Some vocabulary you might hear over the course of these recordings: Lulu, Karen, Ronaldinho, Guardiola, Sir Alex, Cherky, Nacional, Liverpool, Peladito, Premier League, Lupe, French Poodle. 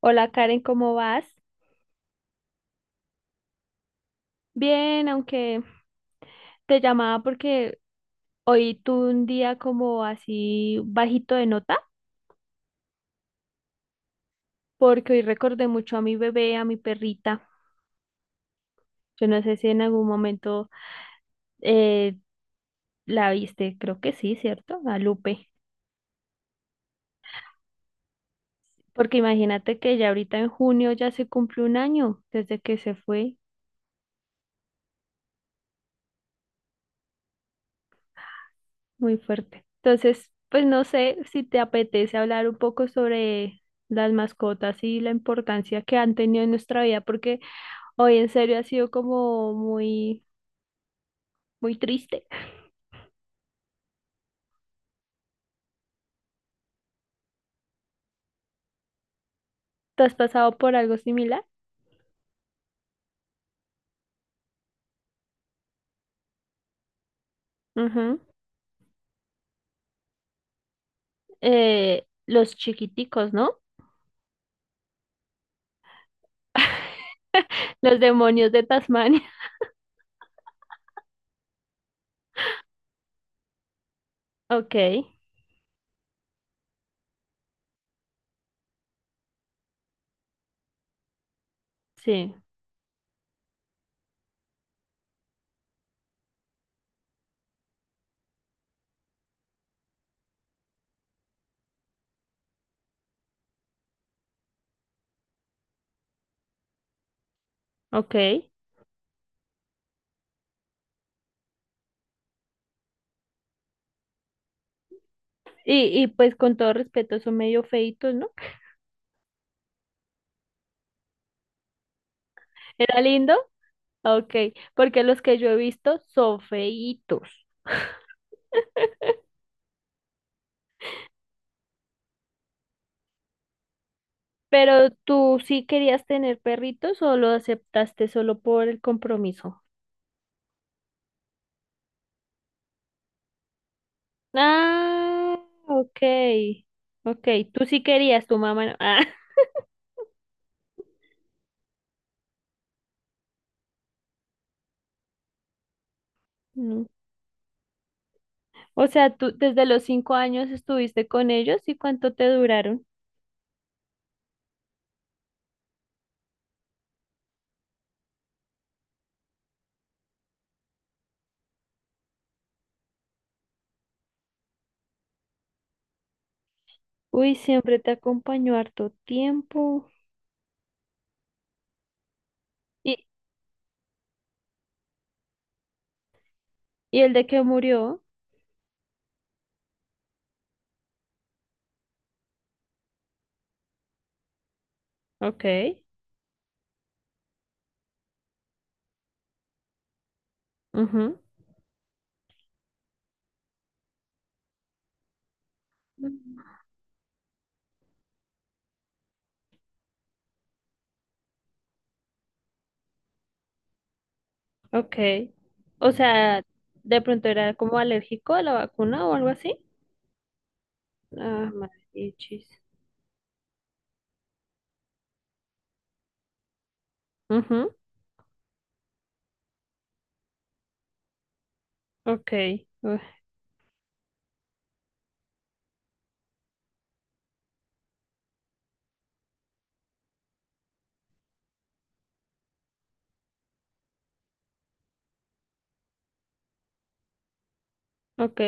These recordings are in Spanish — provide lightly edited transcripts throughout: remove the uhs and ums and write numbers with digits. Hola Karen, ¿cómo vas? Bien, aunque te llamaba porque hoy tuve un día como así bajito de nota, porque hoy recordé mucho a mi bebé, a mi perrita. Yo no sé si en algún momento eh, la viste, creo que sí, ¿cierto? A Lupe. Porque imagínate que ya ahorita en junio ya se cumple un año desde que se fue. Muy fuerte. Entonces, pues no sé si te apetece hablar un poco sobre las mascotas y la importancia que han tenido en nuestra vida, porque hoy en serio ha sido como muy, muy triste. ¿Te has pasado por algo similar? Ujú. Los chiquiticos, ¿no? Los demonios de Tasmania. Ok, sí, ok. Y pues con todo respeto, son medio feitos, ¿no? ¿Era lindo? Ok, porque los que yo he visto son feitos. ¿Pero tú sí querías tener perritos o lo aceptaste solo por el compromiso? Ah, ok, ok, tú sí querías, tu mamá no. Ah, mm. O sea, tú desde los 5 años estuviste con ellos. ¿Y cuánto te duraron? Uy, siempre te acompañó harto tiempo. ¿Y, y el de que murió? Ok, ujú, ok. O sea, de pronto era como alérgico a la vacuna o algo así. Ah, maldichis. Ok, uf, ok.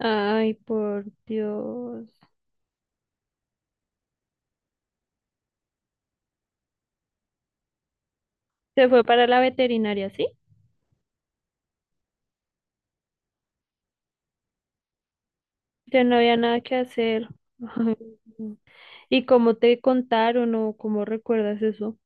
Ay, por Dios. Se fue para la veterinaria, ¿sí? Ya no había nada que hacer. Ay, no. ¿Y cómo te contaron o cómo recuerdas eso?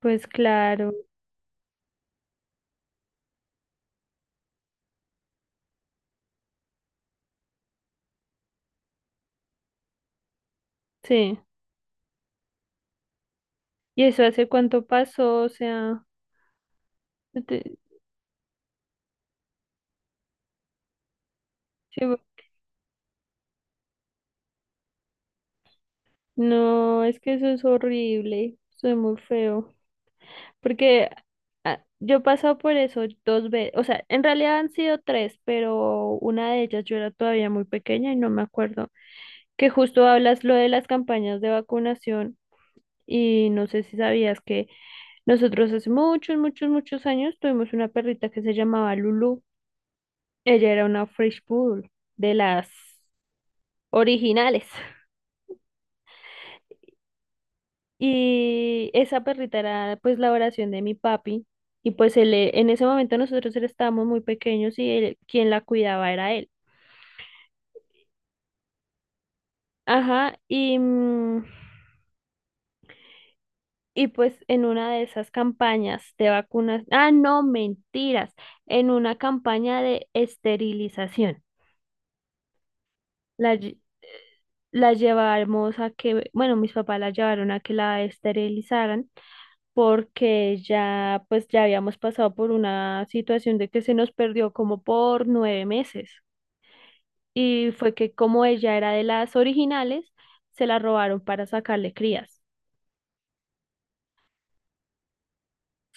Pues claro, sí. ¿Y eso hace cuánto pasó? O sea, te- sí, no, es que eso es horrible. Soy muy feo. Porque yo he pasado por eso dos veces. O sea, en realidad han sido tres, pero una de ellas yo era todavía muy pequeña y no me acuerdo. Que justo hablas lo de las campañas de vacunación y no sé si sabías que nosotros hace muchos, muchos, muchos años tuvimos una perrita que se llamaba Lulu. Ella era una French Poodle de las originales. Y esa perrita era pues la oración de mi papi. Y pues él, en ese momento nosotros estábamos muy pequeños y quien la cuidaba era él. Ajá, y pues en una de esas campañas de vacunas, ah, no, mentiras, en una campaña de esterilización, la, lle- la llevamos a que, bueno, mis papás la llevaron a que la esterilizaran porque ya, pues ya habíamos pasado por una situación de que se nos perdió como por 9 meses. Y fue que como ella era de las originales, se la robaron para sacarle crías.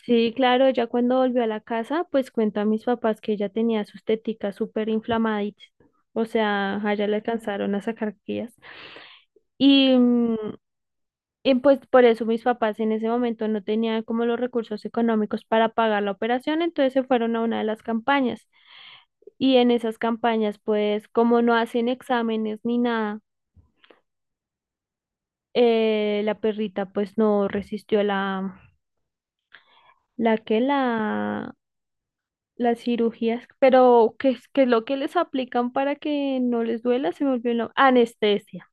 Sí, claro. Ella cuando volvió a la casa, pues cuento a mis papás que ella tenía sus teticas súper inflamaditas, o sea, allá le alcanzaron a sacar guías. Y, mm, y pues por eso mis papás en ese momento no tenían como los recursos económicos para pagar la operación, entonces se fueron a una de las campañas. Y en esas campañas, pues como no hacen exámenes ni nada, la perrita pues no resistió la que la, Las cirugías. Pero ¿qué es lo que les aplican para que no les duela? Se me olvidó el nom-. Anestesia.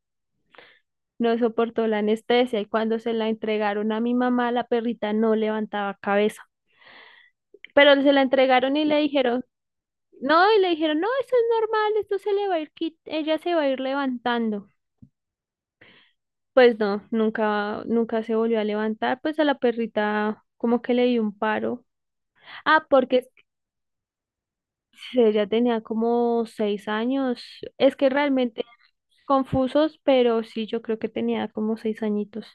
No soportó la anestesia y cuando se la entregaron a mi mamá, la perrita no levantaba cabeza. Pero se la entregaron y le dijeron, no, esto es normal, esto se le va a ir, ella se va a ir levantando. Pues no, nunca, nunca se volvió a levantar, pues a la perrita como que le dio un paro. Ah, porque. Sí, ya tenía como 6 años. Es que realmente confusos, pero sí, yo creo que tenía como 6 añitos.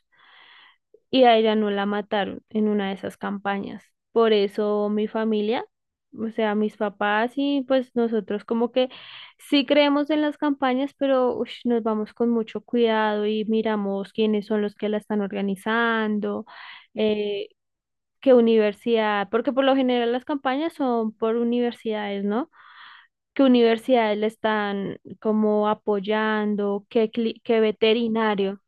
Y a ella no la mataron en una de esas campañas. Por eso mi familia, o sea, mis papás y pues nosotros como que sí creemos en las campañas, pero ush, nos vamos con mucho cuidado y miramos quiénes son los que la están organizando, eh, qué universidad, porque por lo general las campañas son por universidades, ¿no? Qué universidades le están como apoyando, qué veterinario.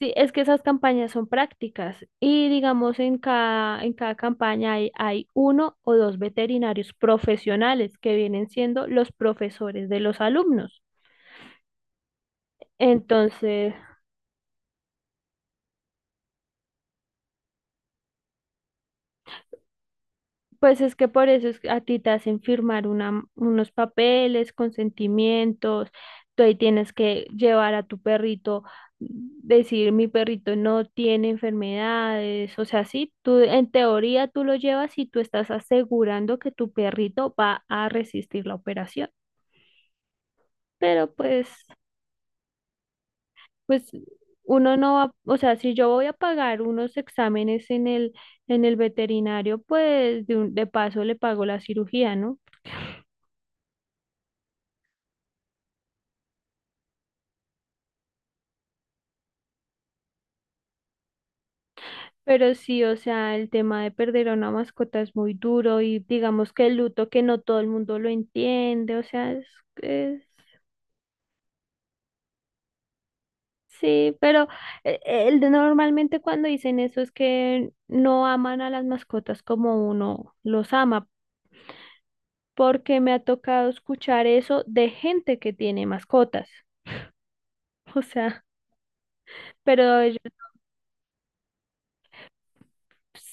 Sí, es que esas campañas son prácticas y digamos en cada campaña hay uno o dos veterinarios profesionales que vienen siendo los profesores de los alumnos. Entonces, pues es que por eso es que a ti te hacen firmar unos papeles, consentimientos, tú ahí tienes que llevar a tu perrito, decir mi perrito no tiene enfermedades, o sea, sí, tú en teoría tú lo llevas y tú estás asegurando que tu perrito va a resistir la operación, pero pues uno no va, o sea, si yo voy a pagar unos exámenes en el veterinario, pues de paso le pago la cirugía, ¿no? Pero sí, o sea, el tema de perder a una mascota es muy duro y digamos que el luto que no todo el mundo lo entiende, o sea, es- sí, pero el de normalmente cuando dicen eso es que no aman a las mascotas como uno los ama, porque me ha tocado escuchar eso de gente que tiene mascotas, o sea, pero ellos.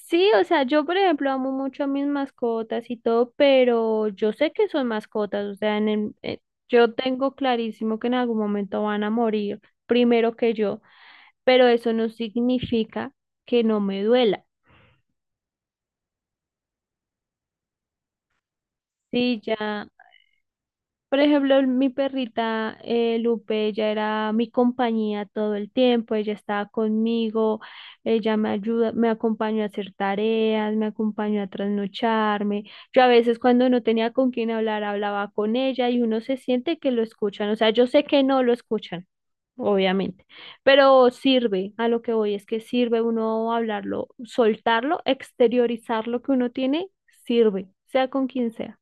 Sí, o sea, yo por ejemplo amo mucho a mis mascotas y todo, pero yo sé que son mascotas, o sea, yo tengo clarísimo que en algún momento van a morir primero que yo, pero eso no significa que no me duela. Sí, ya. Por ejemplo, mi perrita Lupe, ella era mi compañía todo el tiempo, ella estaba conmigo, ella me ayuda, me acompañó a hacer tareas, me acompañó a trasnocharme. Yo a veces cuando no tenía con quién hablar, hablaba con ella y uno se siente que lo escuchan. O sea, yo sé que no lo escuchan, obviamente, pero sirve, a lo que voy es que sirve uno hablarlo, soltarlo, exteriorizar lo que uno tiene, sirve, sea con quien sea.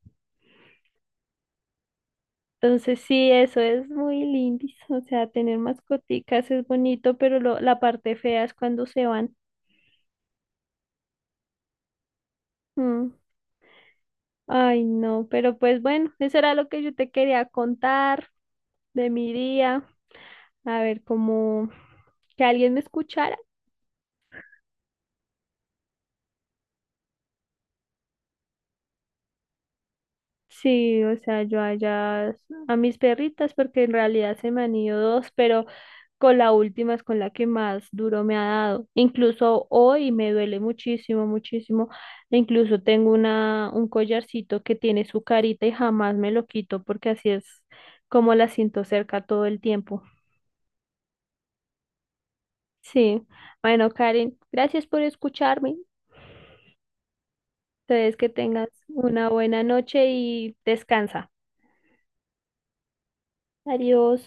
Entonces sí, eso es muy lindis, o sea, tener mascoticas es bonito, pero la parte fea es cuando se van. Mm. Ay, no, pero pues bueno, eso era lo que yo te quería contar de mi día, a ver, como que alguien me escuchara. Sí, o sea, yo allá a mis perritas, porque en realidad se me han ido dos, pero... Con la última es con la que más duro me ha dado. Incluso hoy me duele muchísimo, muchísimo. E incluso tengo un collarcito que tiene su carita y jamás me lo quito porque así es como la siento cerca todo el tiempo. Sí. Bueno, Karen, gracias por escucharme. Entonces, que tengas una buena noche y descansa. Adiós.